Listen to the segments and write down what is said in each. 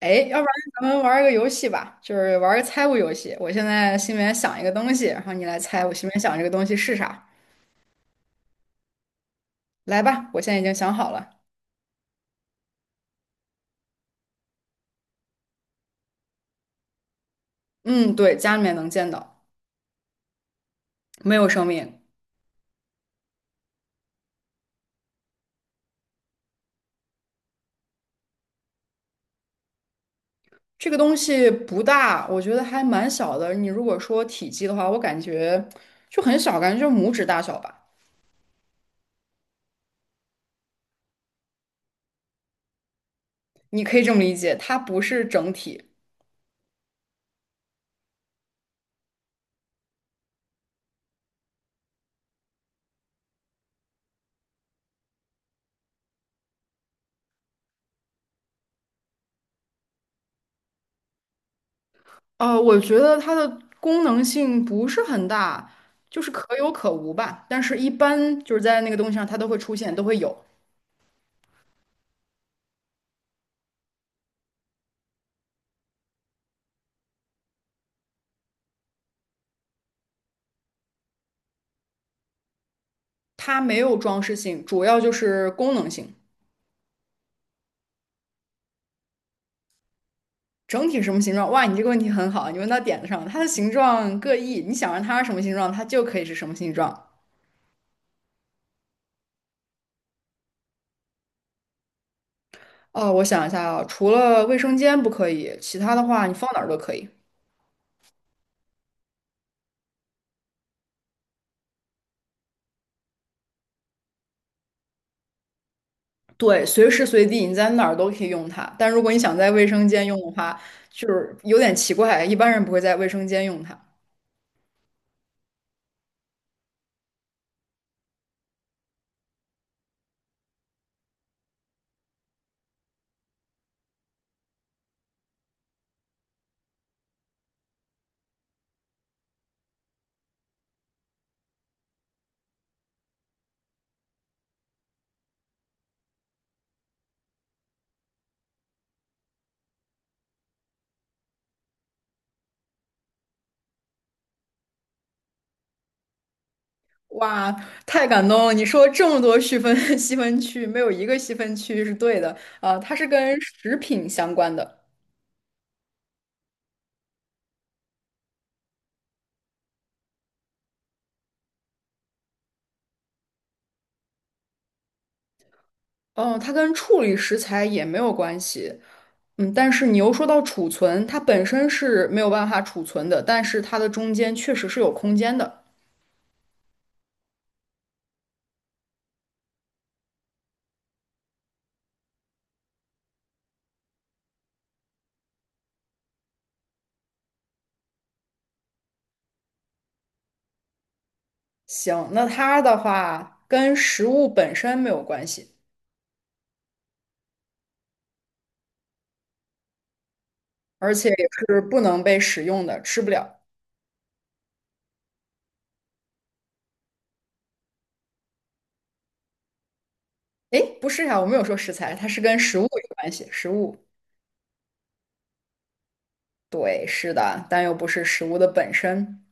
哎，要不然咱们玩一个游戏吧，就是玩儿个猜物游戏。我现在心里面想一个东西，然后你来猜我心里面想这个东西是啥。来吧，我现在已经想好了。嗯，对，家里面能见到，没有生命。这个东西不大，我觉得还蛮小的。你如果说体积的话，我感觉就很小，感觉就是拇指大小吧。你可以这么理解，它不是整体。我觉得它的功能性不是很大，就是可有可无吧。但是一般就是在那个东西上，它都会出现，都会有。它没有装饰性，主要就是功能性。整体什么形状？哇，你这个问题很好，你问到点子上了。它的形状各异，你想让它是什么形状，它就可以是什么形状。哦，我想一下啊，除了卫生间不可以，其他的话你放哪儿都可以。对，随时随地你在哪儿都可以用它。但如果你想在卫生间用的话，就是有点奇怪，一般人不会在卫生间用它。哇，太感动了！你说这么多细分 细分区，没有一个细分区是对的。啊、它是跟食品相关的。哦，它跟处理食材也没有关系，嗯，但是你又说到储存，它本身是没有办法储存的，但是它的中间确实是有空间的。行，那它的话跟食物本身没有关系，而且也是不能被使用的，吃不了。诶，不是呀，我没有说食材，它是跟食物有关系，食物，对，是的，但又不是食物的本身，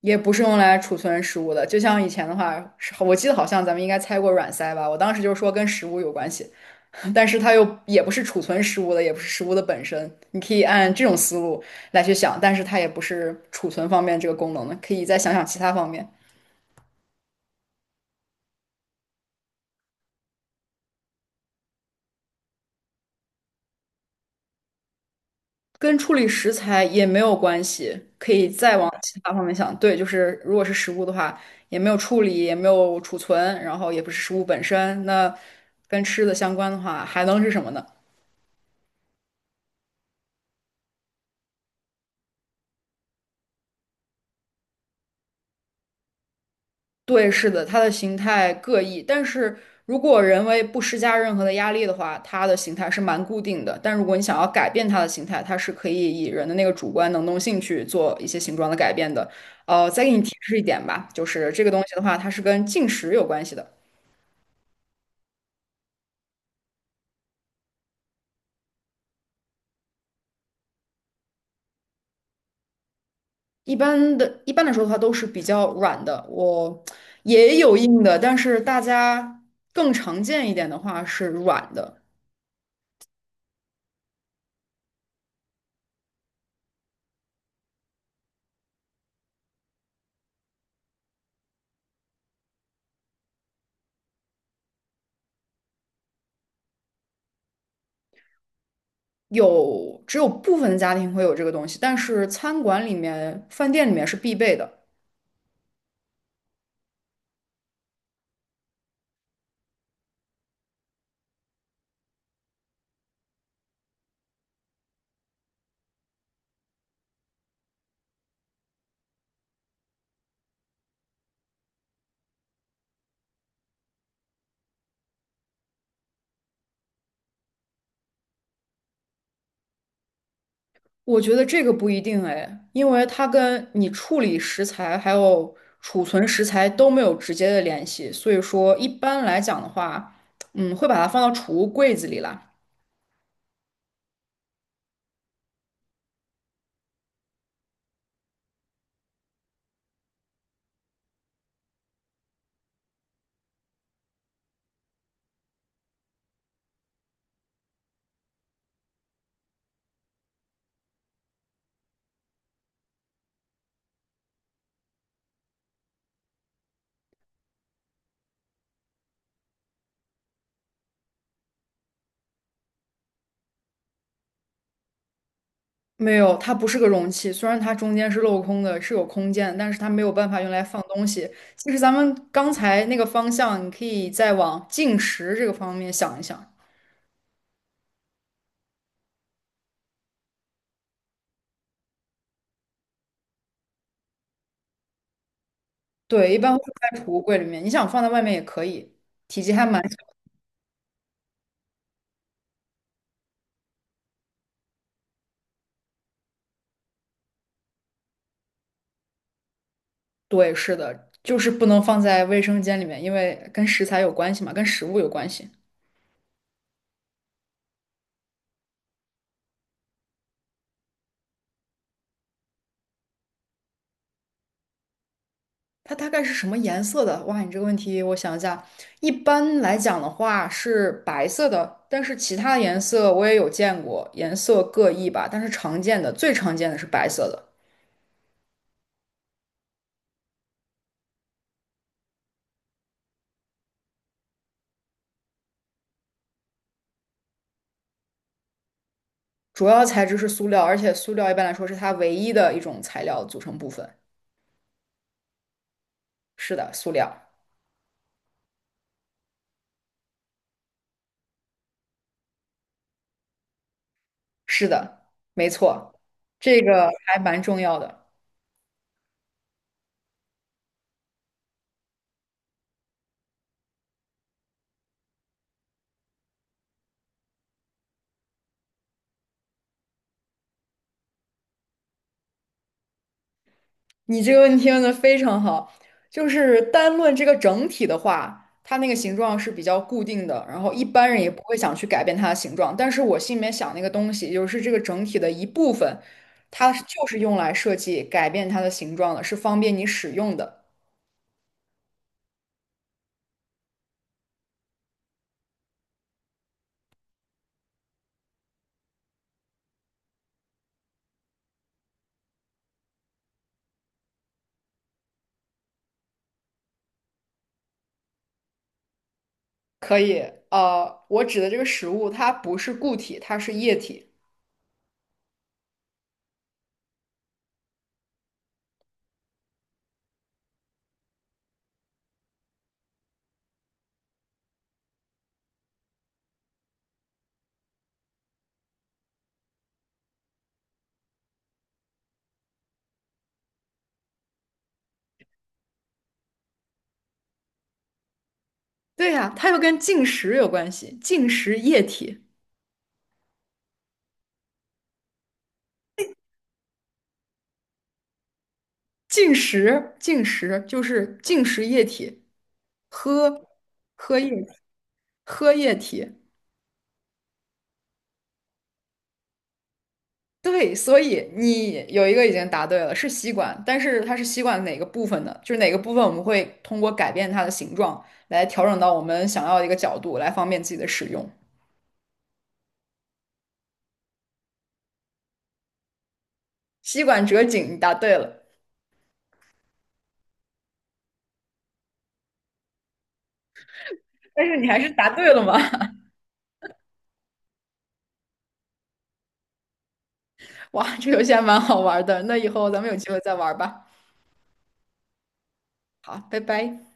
也不是用来储存食物的。就像以前的话，是我记得好像咱们应该猜过软塞吧，我当时就说跟食物有关系。但是它又也不是储存食物的，也不是食物的本身。你可以按这种思路来去想，但是它也不是储存方面这个功能的，可以再想想其他方面，跟处理食材也没有关系，可以再往其他方面想。对，就是如果是食物的话，也没有处理，也没有储存，然后也不是食物本身，那跟吃的相关的话，还能是什么呢？对，是的，它的形态各异，但是如果人为不施加任何的压力的话，它的形态是蛮固定的。但如果你想要改变它的形态，它是可以以人的那个主观能动性去做一些形状的改变的。再给你提示一点吧，就是这个东西的话，它是跟进食有关系的。一般的，一般来说的话都是比较软的，我也有硬的，但是大家更常见一点的话是软的。有，只有部分的家庭会有这个东西，但是餐馆里面、饭店里面是必备的。我觉得这个不一定哎，因为它跟你处理食材还有储存食材都没有直接的联系，所以说一般来讲的话，嗯，会把它放到储物柜子里啦。没有，它不是个容器，虽然它中间是镂空的，是有空间，但是它没有办法用来放东西。其实咱们刚才那个方向，你可以再往进食这个方面想一想。对，一般会放在储物柜里面，你想放在外面也可以，体积还蛮小。对，是的，就是不能放在卫生间里面，因为跟食材有关系嘛，跟食物有关系。它大概是什么颜色的？哇，你这个问题我想一下，一般来讲的话是白色的，但是其他颜色我也有见过，颜色各异吧。但是常见的，最常见的是白色的，主要材质是塑料，而且塑料一般来说是它唯一的一种材料组成部分。是的，塑料。是的，没错，这个还蛮重要的。你这个问题问的非常好，就是单论这个整体的话，它那个形状是比较固定的，然后一般人也不会想去改变它的形状。但是我心里面想那个东西，就是这个整体的一部分，它就是用来设计改变它的形状的，是方便你使用的。可以，我指的这个食物，它不是固体，它是液体。对呀，它又跟进食有关系，进食液体。进食，进食就是进食液体，喝喝液喝液体。对，所以你有一个已经答对了，是吸管，但是它是吸管哪个部分呢？就是哪个部分我们会通过改变它的形状来调整到我们想要的一个角度，来方便自己的使用。吸管折颈，你答对了，但是你还是答对了吗？哇，这游戏还蛮好玩的，那以后咱们有机会再玩吧。好，拜拜。